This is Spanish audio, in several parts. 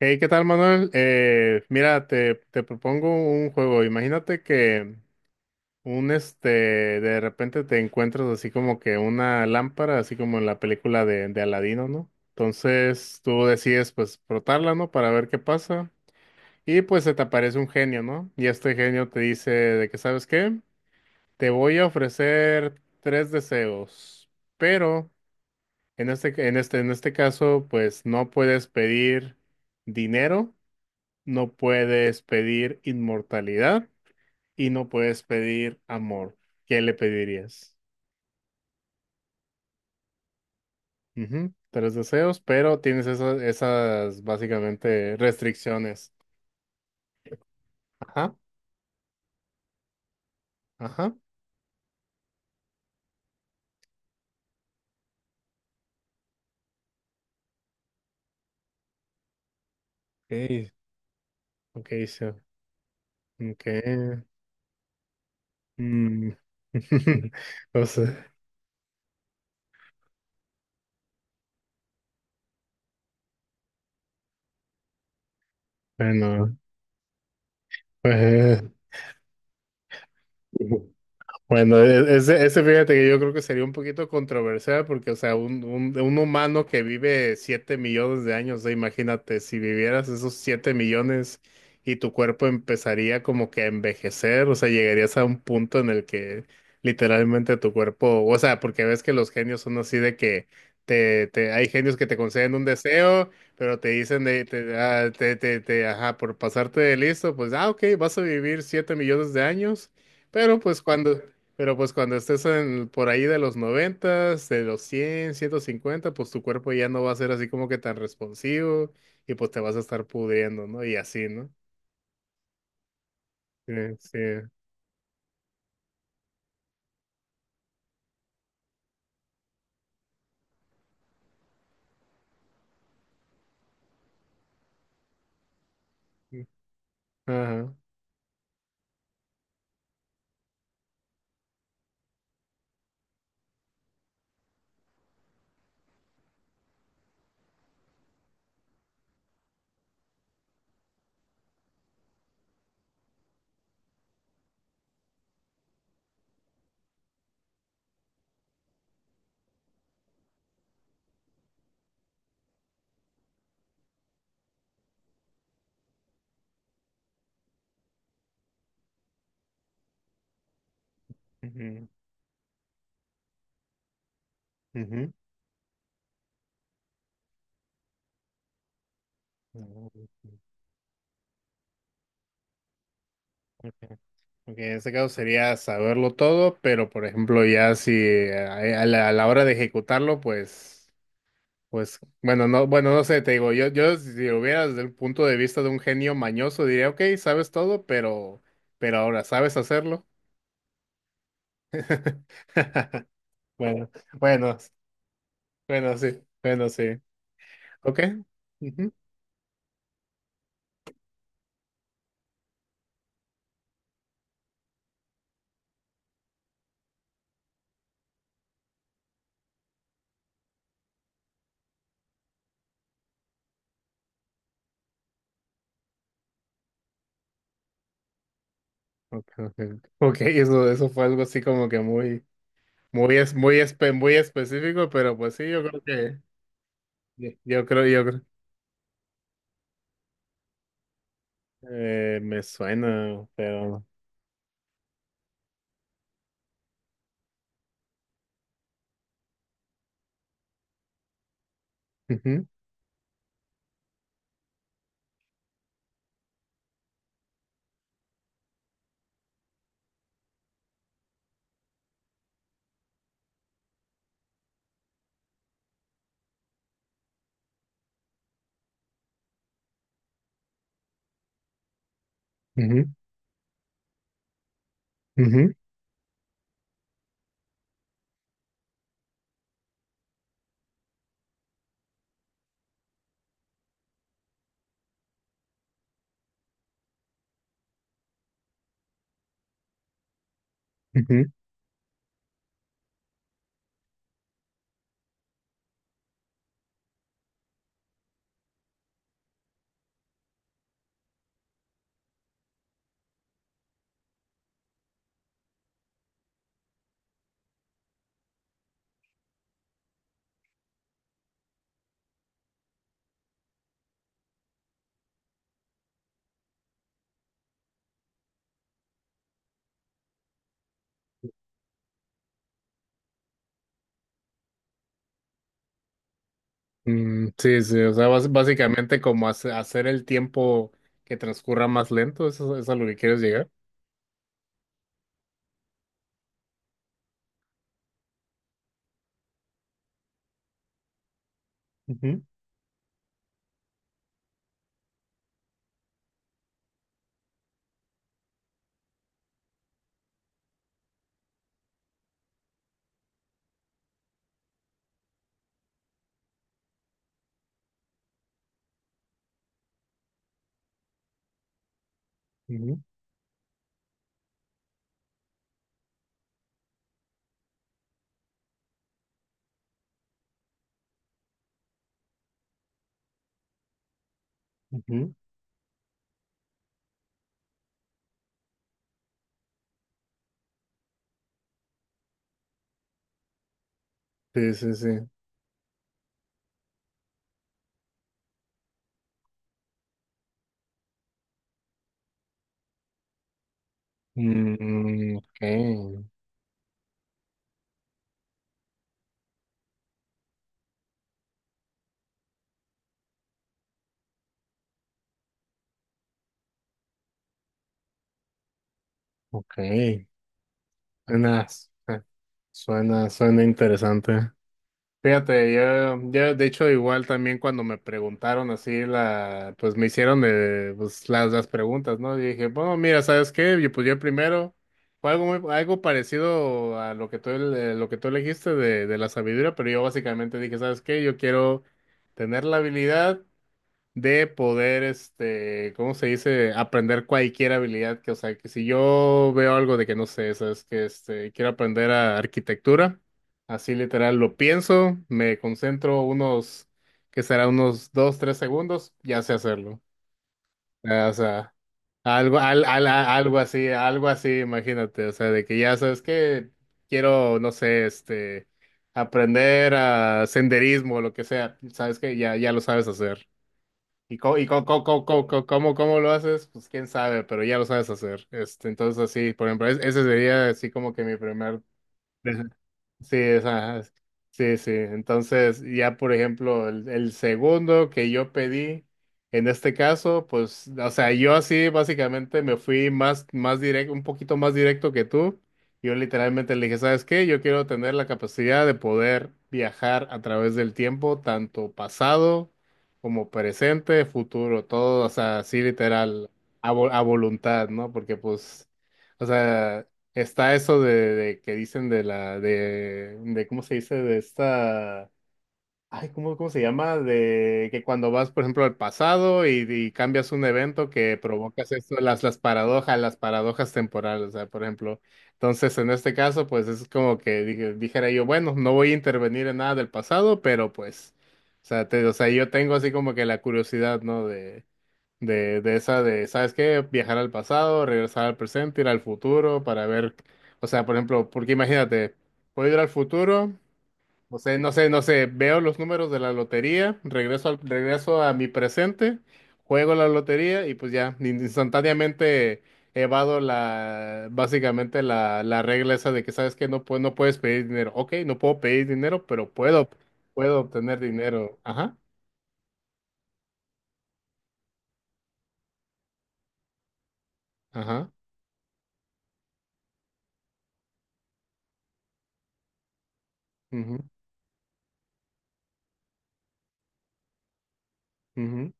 Hey, ¿qué tal, Manuel? Mira, te propongo un juego. Imagínate que un este de repente te encuentras así como que una lámpara, así como en la película de Aladino, ¿no? Entonces tú decides pues frotarla, ¿no? Para ver qué pasa. Y pues se te aparece un genio, ¿no? Y este genio te dice de que, ¿sabes qué? Te voy a ofrecer tres deseos, pero en este caso, pues no puedes pedir dinero, no puedes pedir inmortalidad y no puedes pedir amor. ¿Qué le pedirías? Ujú. Tres deseos, pero tienes esas básicamente restricciones. Ajá, ajá. Okay, okay, so, okay. Mm. O sea, bueno, pues. Bueno, ese, ese fíjate que yo creo que sería un poquito controversial porque, o sea, un humano que vive 7 millones de años, o sea, imagínate, si vivieras esos 7 millones y tu cuerpo empezaría como que a envejecer, o sea, llegarías a un punto en el que literalmente tu cuerpo, o sea, porque ves que los genios son así de que te, hay genios que te conceden un deseo, pero te dicen de, te, ah, te, ajá, por pasarte de listo, pues, ah, ok, vas a vivir 7 millones de años. Pero pues cuando, pero pues cuando estés en, por ahí de los noventas, de los 100, 150, pues tu cuerpo ya no va a ser así como que tan responsivo y pues te vas a estar pudriendo, ¿no? Y así, ¿no? Sí, sí. eh, Ajá. Ujú, ujú. Ujú. Ok, en este caso sería saberlo todo, pero por ejemplo ya si a la hora de ejecutarlo, pues, bueno, no, bueno, no sé, te digo, yo si lo hubiera desde el punto de vista de un genio mañoso, diría, ok, sabes todo, pero, ahora, ¿sabes hacerlo? Bueno, bueno, bueno, sí, bueno, sí. Ok. Ujú. Ok, ok, ok, eso fue algo así como que muy específico, pero pues sí, yo creo que, yo creo, me suena, pero. Ujú, ujú, ujú, ujú. Mm, sí, sí, o sea, básicamente como hacer el tiempo que transcurra más lento, eso es a lo que quieres llegar. Ujú, ujú, ujú. Sí, sí, sí. Mm, ok, ok. Suena, suena interesante. Fíjate, yo de hecho igual también cuando me preguntaron así la, pues me hicieron de, pues las preguntas, ¿no? Y dije, bueno, mira, ¿sabes qué? Yo, pues yo primero fue algo algo parecido a lo que tú, lo que tú elegiste de la sabiduría, pero yo básicamente dije, ¿sabes qué? Yo quiero tener la habilidad de poder, este, ¿cómo se dice? Aprender cualquier habilidad que, o sea, que si yo veo algo de que no sé, sabes que este, quiero aprender a arquitectura, así literal lo pienso, me concentro unos, que será unos 2, 3 segundos, ya sé hacerlo. O sea, algo, al, al- a- algo así, imagínate, o sea, de que ya sabes que quiero, no sé, este, aprender a senderismo o lo que sea, sabes que ya lo sabes hacer. Y cómo lo haces, pues quién sabe, pero ya lo sabes hacer. Este, entonces, así, por ejemplo, ese sería así como que mi primer. Sí, es, ajá, sí, sí. Entonces, ya por ejemplo, el segundo que yo pedí, en este caso, pues, o sea, yo así básicamente me fui más directo, un poquito más directo que tú. Yo literalmente le dije, ¿sabes qué? Yo quiero tener la capacidad de poder viajar a través del tiempo, tanto pasado como presente, futuro, todo, o sea, así literal, a voluntad, ¿no? Porque pues... O sea, está eso de que dicen de la, ¿cómo se dice? De esta, ay, ¿ cómo se llama? De que cuando vas, por ejemplo, al pasado y cambias un evento que provocas esto, las paradojas temporales, o sea, por ejemplo. Entonces, en este caso, pues es como que dijera yo, bueno, no voy a intervenir en nada del pasado, pero pues, o sea, o sea, yo tengo así como que la curiosidad, ¿no? ¿Sabes qué? Viajar al pasado, regresar al presente, ir al futuro para ver, o sea, por ejemplo, porque imagínate, puedo ir al futuro, o sea, no sé, veo los números de la lotería, regreso a mi presente, juego la lotería y pues ya, instantáneamente evado la, básicamente la regla esa de que, ¿sabes qué? No puedes pedir dinero. Ok, no puedo pedir dinero, pero puedo obtener dinero. Ajá, ajá. Mhm. Mhm.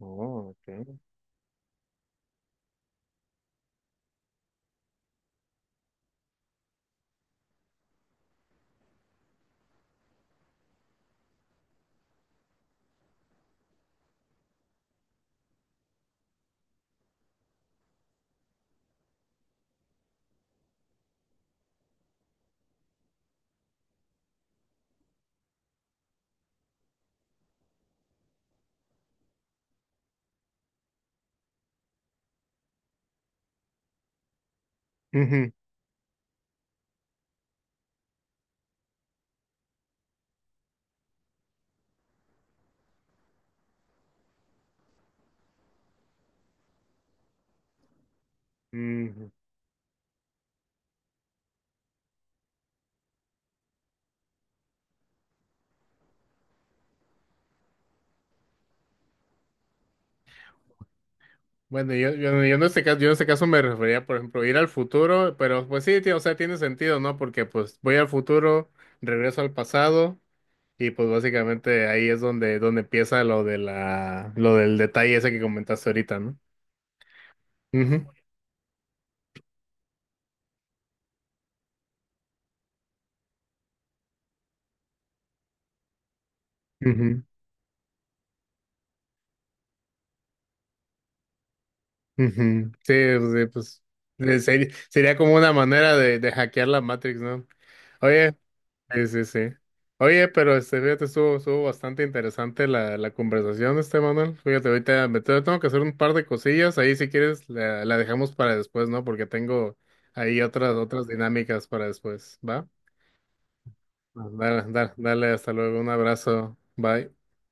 Oh, okay. Ujú. Mm. Bueno, yo en este caso me refería, por ejemplo, ir al futuro, pero pues sí, tío, o sea, tiene sentido, ¿no? Porque pues voy al futuro, regreso al pasado y pues básicamente ahí es donde empieza lo de la, lo del detalle ese que comentaste ahorita, ¿no? Ujú, ujú, ujú. Sí, pues, sería como una manera de hackear la Matrix, ¿no? Oye. Sí, sí, sí. Oye, pero este, fíjate, estuvo bastante interesante la conversación, este Manuel. Fíjate, ahorita me tengo que hacer un par de cosillas. Ahí, si quieres, la dejamos para después, ¿no? Porque tengo ahí otras dinámicas para después, ¿va? Dale, dale, dale, hasta luego. Un abrazo. Bye.